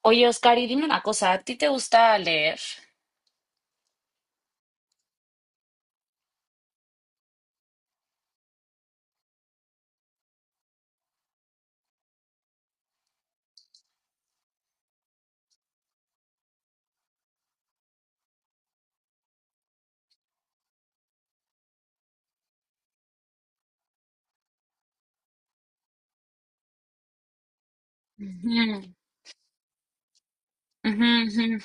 Oye, Oscar, y dime una cosa, ¿a ti te gusta leer? Ujú, ujú, ujú.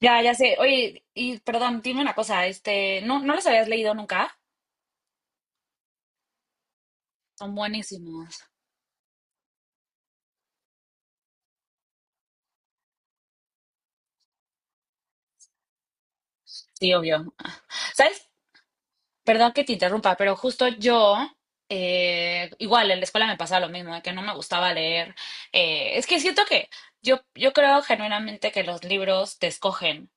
Ya, ya sé. Oye, y perdón, dime una cosa, este, ¿no los habías leído nunca? Son buenísimos. Sí, obvio. ¿Sabes Perdón que te interrumpa, pero justo igual en la escuela me pasaba lo mismo, de que no me gustaba leer. Es que siento que yo creo genuinamente que los libros te escogen.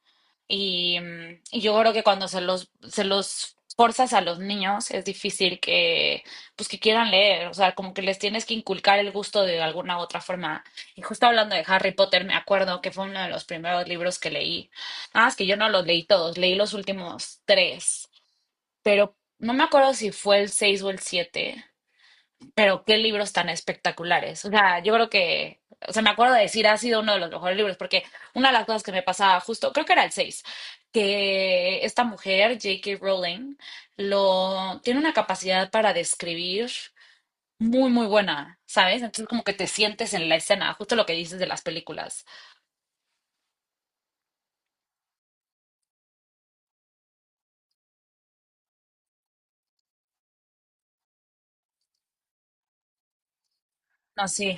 Y yo creo que cuando se los forzas a los niños es difícil que, pues que quieran leer, o sea, como que les tienes que inculcar el gusto de alguna u otra forma. Y justo hablando de Harry Potter, me acuerdo que fue uno de los primeros libros que leí. Nada más que yo no los leí todos, leí los últimos tres, pero no me acuerdo si fue el 6 o el siete, pero qué libros tan espectaculares. O sea, yo creo que, o sea, me acuerdo de decir, ha sido uno de los mejores libros, porque una de las cosas que me pasaba justo, creo que era el seis, que esta mujer, J.K. Rowling, lo, tiene una capacidad para describir muy, muy buena, ¿sabes? Entonces como que te sientes en la escena, justo lo que dices de las películas. No, sí.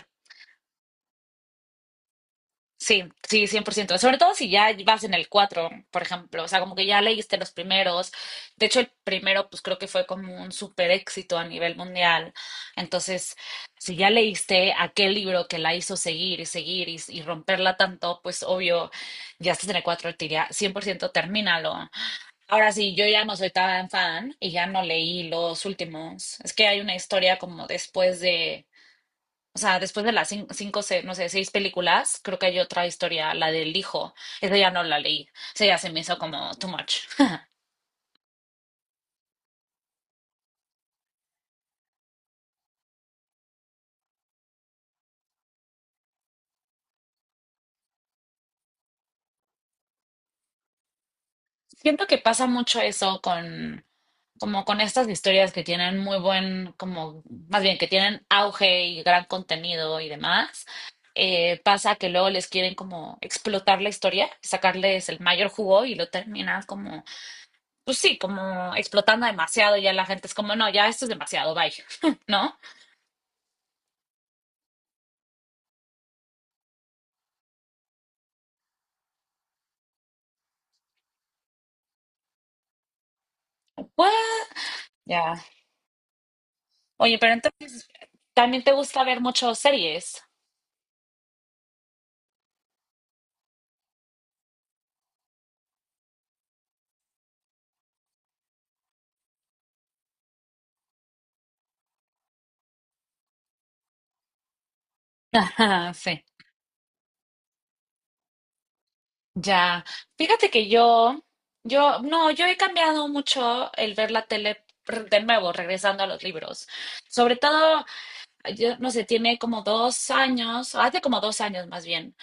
Sí, sí, 100%. Sobre todo si ya vas en el 4, por ejemplo. O sea, como que ya leíste los primeros. De hecho, el primero, pues creo que fue como un super éxito a nivel mundial. Entonces, si ya leíste aquel libro que la hizo seguir y seguir y romperla tanto, pues obvio, ya estás en el 4, te diría 100% termínalo. Ahora sí, yo ya no soy tan fan y ya no leí los últimos. Es que hay una historia como después de, o sea, después de las no sé, seis películas, creo que hay otra historia, la del hijo. Esa ya no la leí. Esa ya se me hizo como too much. Siento que pasa mucho eso con, como con estas historias que tienen muy buen, como, más bien que tienen auge y gran contenido y demás. Pasa que luego les quieren como explotar la historia, sacarles el mayor jugo y lo terminan como, pues sí, como explotando demasiado. Y ya la gente es como, no, ya esto es demasiado, bye. ¿No? Pues, ya. Oye, pero entonces también te gusta ver muchas series. Ajá, sí, ya. Fíjate que yo, no, yo he cambiado mucho el ver la tele, de nuevo, regresando a los libros. Sobre todo, yo no sé, tiene como 2 años, hace como 2 años más bien,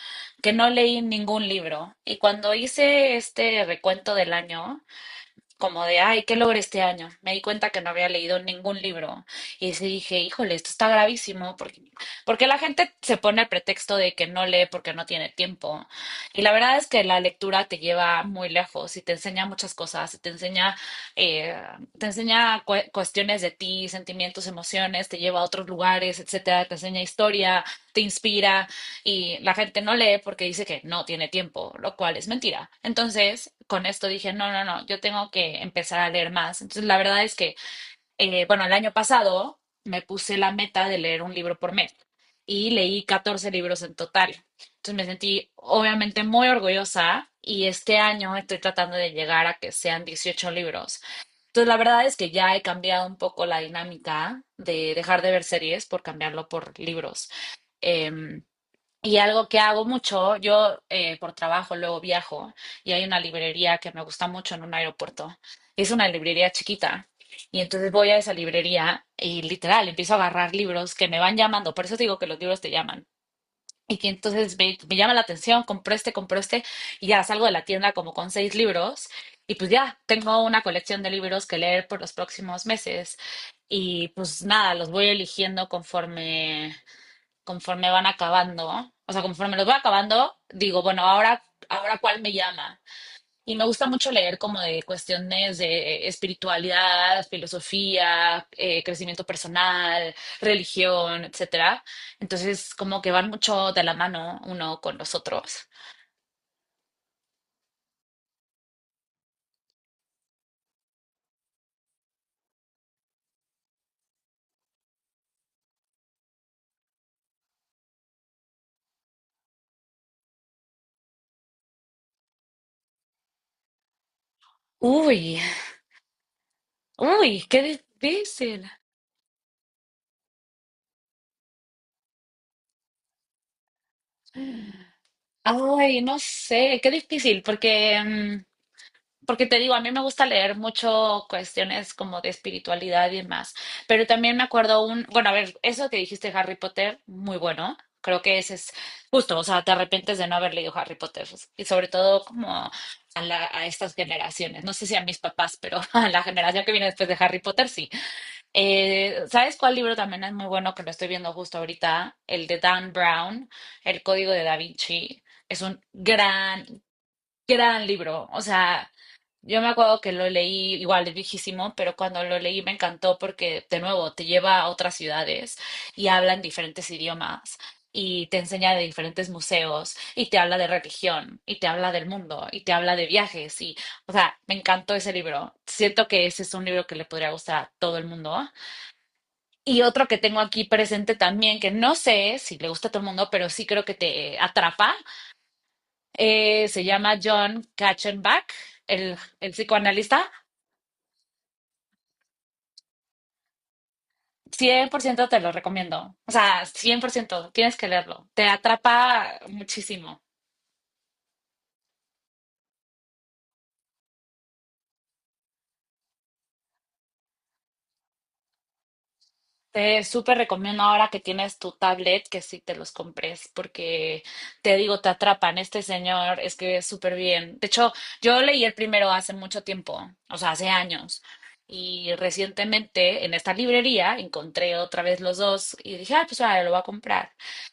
que no leí ningún libro. Y cuando hice este recuento del año, como de, ay, ¿qué logré este año? Me di cuenta que no había leído ningún libro. Y sí dije, híjole, esto está gravísimo, porque, porque la gente se pone el pretexto de que no lee porque no tiene tiempo. Y la verdad es que la lectura te lleva muy lejos y te enseña muchas cosas, y eh, te enseña cuestiones de ti, sentimientos, emociones, te lleva a otros lugares, etcétera, te enseña historia, te inspira, y la gente no lee porque dice que no tiene tiempo, lo cual es mentira. Entonces, con esto dije, no, no, no, yo tengo que empezar a leer más. Entonces, la verdad es que, bueno, el año pasado me puse la meta de leer un libro por mes y leí 14 libros en total. Entonces me sentí obviamente muy orgullosa y este año estoy tratando de llegar a que sean 18 libros. Entonces la verdad es que ya he cambiado un poco la dinámica de dejar de ver series por cambiarlo por libros. Eh, y algo que hago mucho, yo por trabajo luego viajo y hay una librería que me gusta mucho en un aeropuerto. Es una librería chiquita. Y entonces voy a esa librería y literal empiezo a agarrar libros que me van llamando. Por eso te digo que los libros te llaman. Y que entonces me llama la atención, compré este y ya salgo de la tienda como con seis libros. Y pues ya tengo una colección de libros que leer por los próximos meses. Y pues nada, los voy eligiendo conforme van acabando, ¿eh? O sea, conforme los voy acabando, digo, bueno, ahora, ahora cuál me llama. Y me gusta mucho leer como de cuestiones de espiritualidad, filosofía, crecimiento personal, religión, etcétera. Entonces, como que van mucho de la mano uno con los otros. Uy, uy, qué difícil. Ay, no sé, qué difícil, porque porque te digo, a mí me gusta leer mucho cuestiones como de espiritualidad y demás, pero también me acuerdo un, bueno, a ver, eso que dijiste de Harry Potter, muy bueno, creo que ese es justo, o sea, te arrepientes de no haber leído Harry Potter, y sobre todo como a, a estas generaciones, no sé si a mis papás, pero a la generación que viene después de Harry Potter, sí. ¿Sabes cuál libro también es muy bueno que lo estoy viendo justo ahorita? El de Dan Brown, El Código de Da Vinci, es un gran, gran libro, o sea... Yo me acuerdo que lo leí, igual es viejísimo, pero cuando lo leí me encantó porque, de nuevo, te lleva a otras ciudades y hablan diferentes idiomas y te enseña de diferentes museos y te habla de religión y te habla del mundo y te habla de viajes y, o sea, me encantó ese libro. Siento que ese es un libro que le podría gustar a todo el mundo. Y otro que tengo aquí presente también, que no sé si le gusta a todo el mundo, pero sí creo que te atrapa, se llama John Katzenbach, el psicoanalista. 100% te lo recomiendo. O sea, 100% tienes que leerlo. Te atrapa muchísimo. Te súper recomiendo ahora que tienes tu tablet que sí te los compres, porque te digo, te atrapan. Este señor es que es súper bien. De hecho, yo leí el primero hace mucho tiempo, o sea, hace años. Y recientemente en esta librería encontré otra vez los dos y dije, ah, pues ahora lo voy a comprar.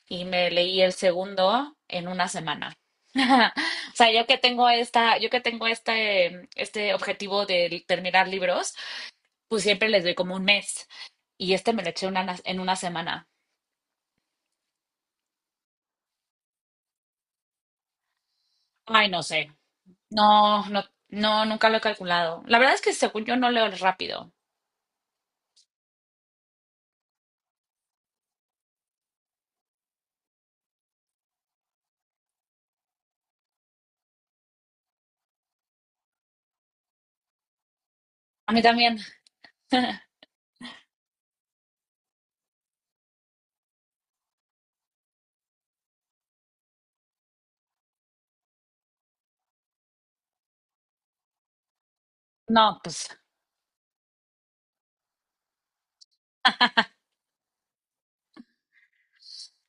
Y me leí el segundo en una semana. O sea, yo que tengo este objetivo de terminar libros pues siempre les doy como un mes, y este me lo eché en una semana. Ay, no sé. No, no, no, nunca lo he calculado. La verdad es que según yo no leo rápido. A mí también. No, pues,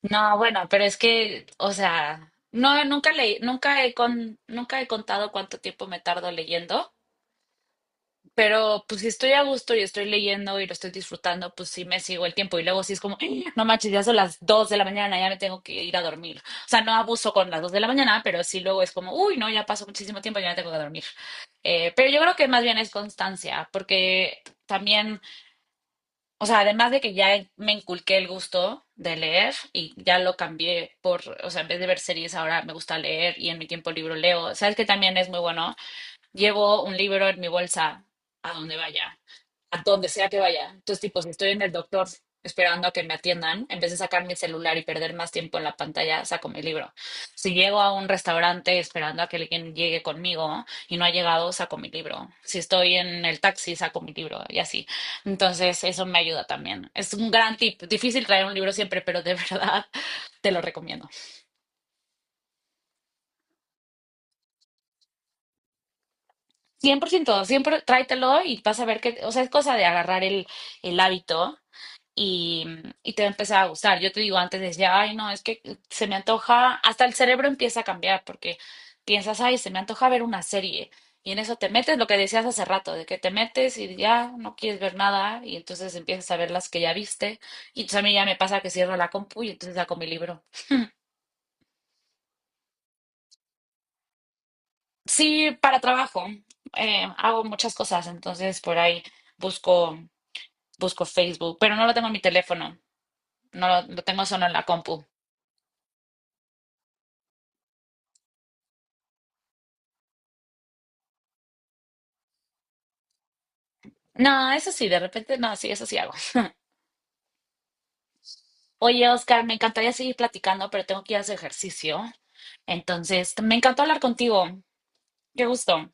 no, bueno, pero es que, o sea, no, nunca he contado cuánto tiempo me tardo leyendo. Pero pues si estoy a gusto y estoy leyendo y lo estoy disfrutando, pues sí me sigo el tiempo. Y luego sí es como, "Ah, no manches, ya son las 2 de la mañana, ya me tengo que ir a dormir." O sea, no abuso con las 2 de la mañana, pero sí luego es como, uy, no, ya pasó muchísimo tiempo, ya me tengo que dormir. Pero yo creo que más bien es constancia, porque también, o sea, además de que ya me inculqué el gusto de leer y ya lo cambié por, o sea, en vez de ver series ahora me gusta leer y en mi tiempo libro leo. ¿Sabes que también es muy bueno? Llevo un libro en mi bolsa a donde vaya, a donde sea que vaya. Entonces, tipo, si estoy en el doctor esperando a que me atiendan, en vez de sacar mi celular y perder más tiempo en la pantalla, saco mi libro. Si llego a un restaurante esperando a que alguien llegue conmigo y no ha llegado, saco mi libro. Si estoy en el taxi, saco mi libro y así. Entonces, eso me ayuda también. Es un gran tip. Difícil traer un libro siempre, pero de verdad te lo recomiendo. 100% siempre tráetelo y vas a ver que, o sea, es cosa de agarrar el hábito y, y te va a empezar a gustar. Yo te digo, antes decía, ay, no, es que se me antoja, hasta el cerebro empieza a cambiar porque piensas, ay, se me antoja ver una serie. Y en eso te metes, lo que decías hace rato, de que te metes y ya no quieres ver nada y entonces empiezas a ver las que ya viste. Y entonces a mí ya me pasa que cierro la compu y entonces saco mi libro. Sí, para trabajo, hago muchas cosas, entonces por ahí busco, Facebook, pero no lo tengo en mi teléfono, no lo, lo tengo solo en la compu. No, eso sí, de repente, no, sí, eso sí hago. Oye, Oscar, me encantaría seguir platicando, pero tengo que ir a hacer ejercicio. Entonces, me encantó hablar contigo. Qué gusto.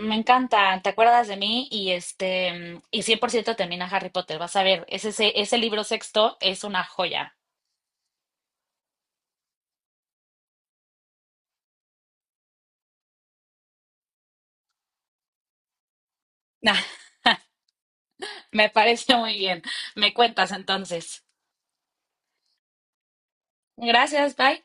Me encanta, te acuerdas de mí y este, y 100% termina Harry Potter. Vas a ver, ese libro sexto es una joya. Me parece muy bien. Me cuentas entonces. Gracias, bye.